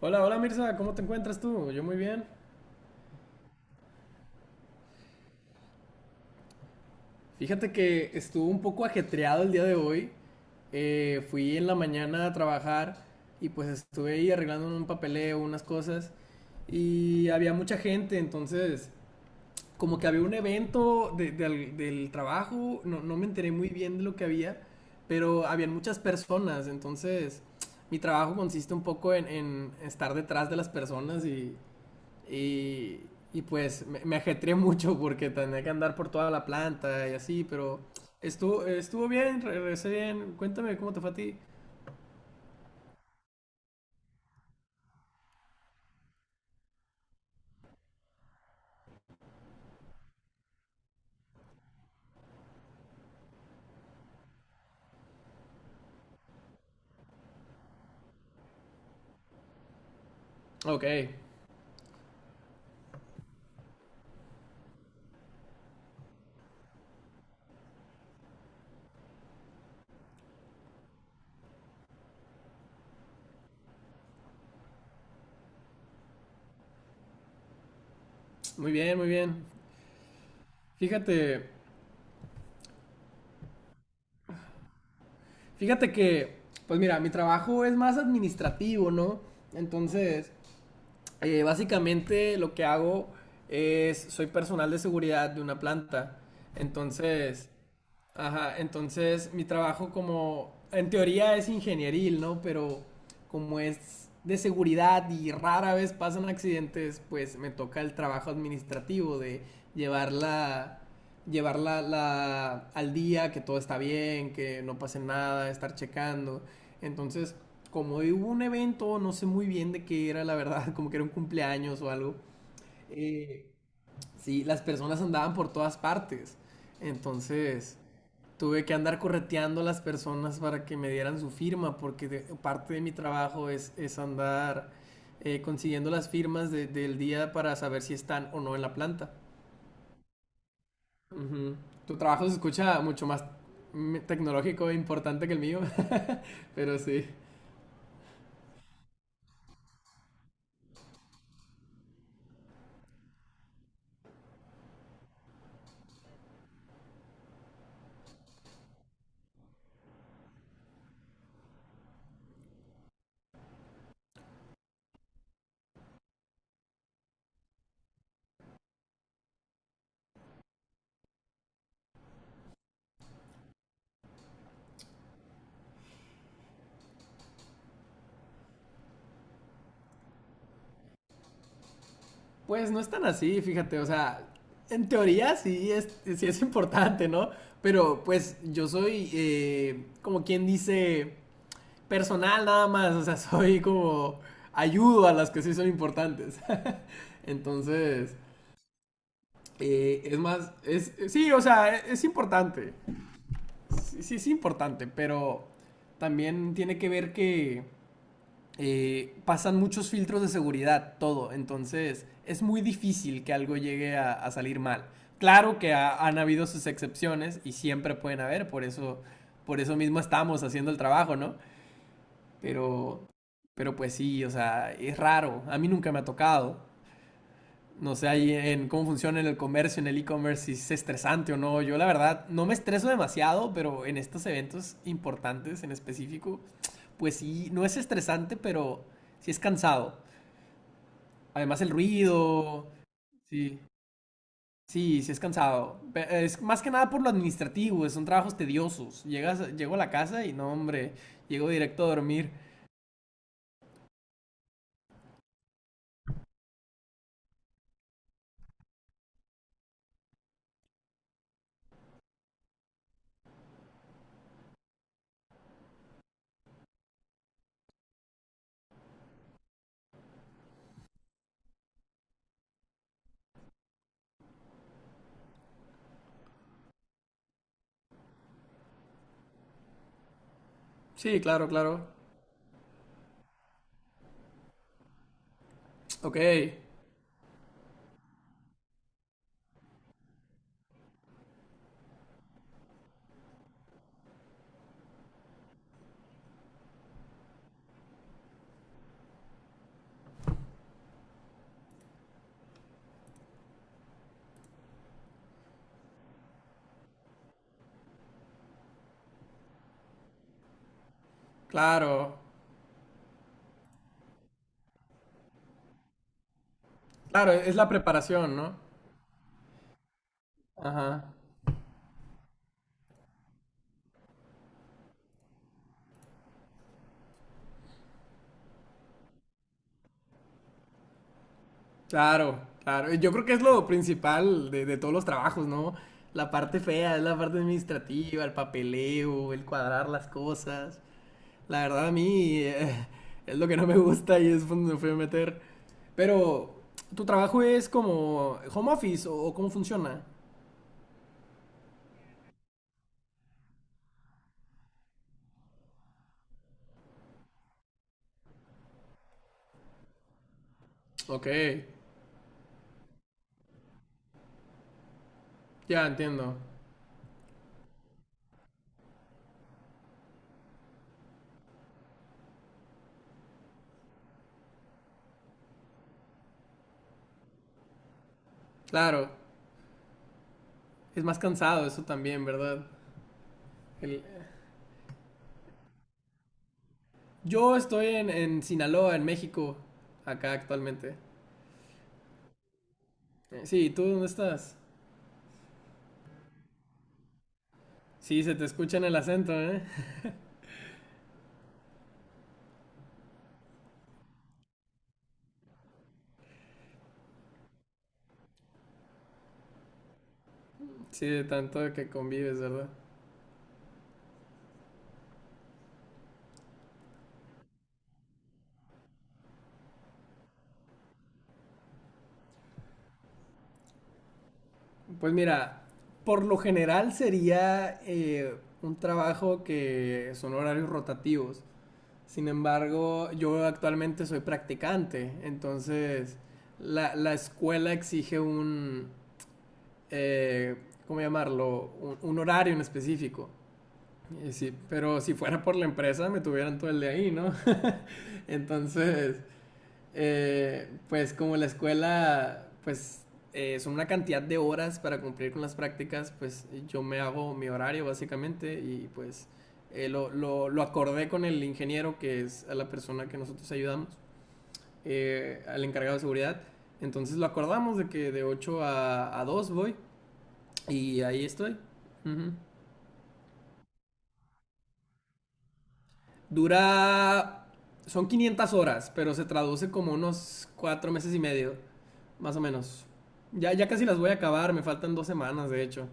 Hola, hola Mirza, ¿cómo te encuentras tú? Yo muy bien. Fíjate que estuvo un poco ajetreado el día de hoy. Fui en la mañana a trabajar y pues estuve ahí arreglando un papeleo, unas cosas y había mucha gente, entonces como que había un evento del trabajo, no, no me enteré muy bien de lo que había, pero habían muchas personas, entonces mi trabajo consiste un poco en estar detrás de las personas Y, y pues me ajetreé mucho porque tenía que andar por toda la planta y así, pero estuvo bien, regresé bien. Cuéntame cómo te fue a ti. Ok, muy bien, muy bien. Fíjate, fíjate que, pues mira, mi trabajo es más administrativo, ¿no? Entonces, básicamente lo que hago es, soy personal de seguridad de una planta. Entonces, ajá, entonces mi trabajo como, en teoría es ingenieril, ¿no? Pero como es de seguridad y rara vez pasan accidentes, pues me toca el trabajo administrativo de llevarla, llevarla al día, que todo está bien, que no pase nada, estar checando. Entonces, como hoy hubo un evento, no sé muy bien de qué era, la verdad, como que era un cumpleaños o algo. eh, sí, las personas andaban por todas partes. Entonces, tuve que andar correteando a las personas para que me dieran su firma, porque parte de mi trabajo es andar consiguiendo las firmas del día para saber si están o no en la planta. Ujú. Tu trabajo se escucha mucho más tecnológico e importante que el mío, pero sí. Pues no es tan así, fíjate, o sea, en teoría sí es importante, ¿no? Pero pues yo soy como quien dice personal nada más, o sea, soy como ayudo a las que sí son importantes. Entonces, es más, sí, o sea, es importante, sí, sí es importante, pero también tiene que ver que pasan muchos filtros de seguridad, todo, entonces es muy difícil que algo llegue a salir mal. Claro que han habido sus excepciones y siempre pueden haber, por eso, mismo estamos haciendo el trabajo, ¿no? Pero, pero pues sí, o sea, es raro. A mí nunca me ha tocado. No sé ahí en cómo funciona en el comercio, en el e-commerce, si es estresante o no. Yo la verdad no me estreso demasiado, pero en estos eventos importantes en específico, pues sí, no es estresante, pero sí es cansado. Además el ruido, sí, sí, sí es cansado. Es más que nada por lo administrativo, son trabajos tediosos. Llego a la casa y no, hombre, llego directo a dormir. Sí, claro, claro. Ok. Claro, claro, es la preparación, ¿no? Ajá, claro, claro. Yo creo que es lo principal de todos los trabajos, ¿no? La parte fea es la parte administrativa, el papeleo, el cuadrar las cosas. La verdad a mí es lo que no me gusta y es donde me fui a meter. Pero, ¿tu trabajo es como home office o cómo funciona? Ok, ya entiendo. Claro, es más cansado eso también, ¿verdad? Yo estoy en Sinaloa, en México, acá actualmente. Sí, ¿tú dónde estás? Sí, se te escucha en el acento, ¿eh? Sí, de tanto que convives, ¿verdad? Pues mira, por lo general sería un trabajo que son horarios rotativos. Sin embargo, yo actualmente soy practicante, entonces la escuela exige eh, ¿cómo llamarlo? Un horario en específico. Y sí, pero si fuera por la empresa me tuvieran todo el día ahí, ¿no? Entonces, pues como la escuela, pues son una cantidad de horas para cumplir con las prácticas, pues yo me hago mi horario básicamente y pues lo acordé con el ingeniero que es la persona que nosotros ayudamos, al encargado de seguridad. Entonces lo acordamos de que de 8 a 2 voy y ahí estoy. Uh -huh. Dura. Son 500 horas, pero se traduce como unos 4 meses y medio, más o menos. Ya, ya casi las voy a acabar, me faltan 2 semanas, de hecho.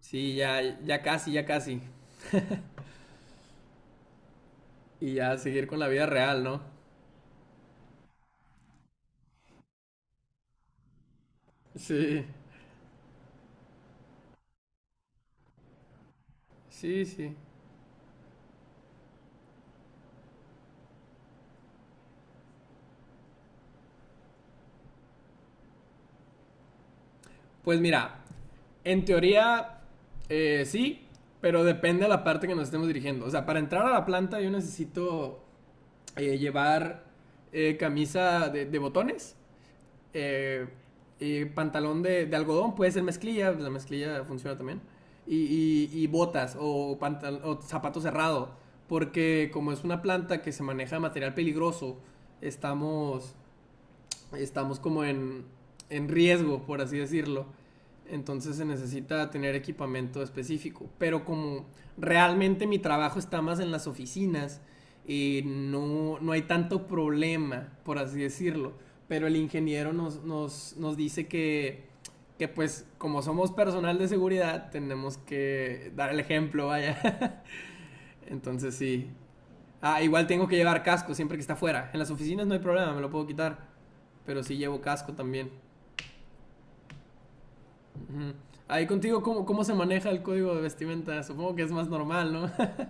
Sí, ya, ya casi, ya casi. Y ya seguir con la vida real, ¿no? Sí, sí, sí. Pues mira, en teoría, sí, pero depende de la parte que nos estemos dirigiendo. O sea, para entrar a la planta yo necesito llevar camisa de botones eh, pantalón de algodón, puede ser mezclilla, pues la mezclilla funciona también. Y botas o zapato cerrado, porque como es una planta que se maneja material peligroso, estamos estamos como en riesgo, por así decirlo. Entonces se necesita tener equipamiento específico. Pero como realmente mi trabajo está más en las oficinas, no, no hay tanto problema, por así decirlo. Pero el ingeniero nos dice que, pues, como somos personal de seguridad, tenemos que dar el ejemplo, vaya. Entonces sí, ah, igual tengo que llevar casco siempre que está afuera. En las oficinas no hay problema, me lo puedo quitar. Pero sí llevo casco también. Ujú. Ahí contigo, ¿cómo se maneja el código de vestimenta? Supongo que es más normal, ¿no?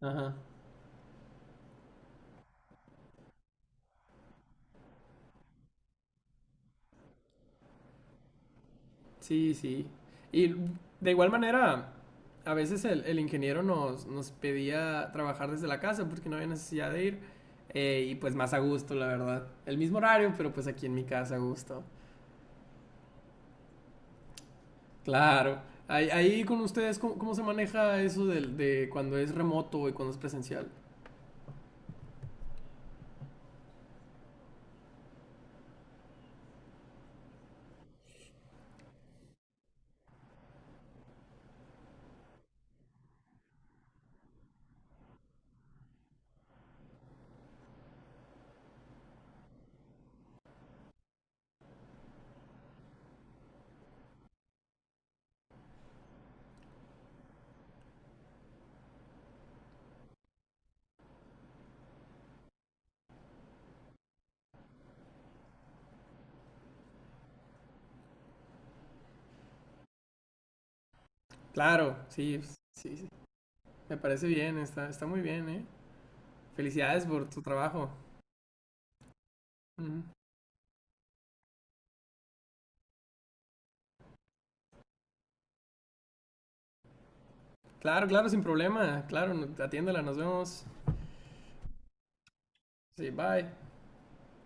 Ajá. Sí, sí. Y de igual manera, a veces el ingeniero nos pedía trabajar desde la casa porque no había necesidad de ir. Y pues más a gusto, la verdad. El mismo horario, pero pues aquí en mi casa a gusto. Claro. Ahí con ustedes, ¿cómo se maneja eso del de cuando es remoto y cuando es presencial? Claro, sí, pues, sí, sí. Me parece bien, está muy bien, ¿eh? Felicidades por tu trabajo. Ujú. Claro, claro, sin problema. Claro, atiéndela, nos vemos. Sí, bye.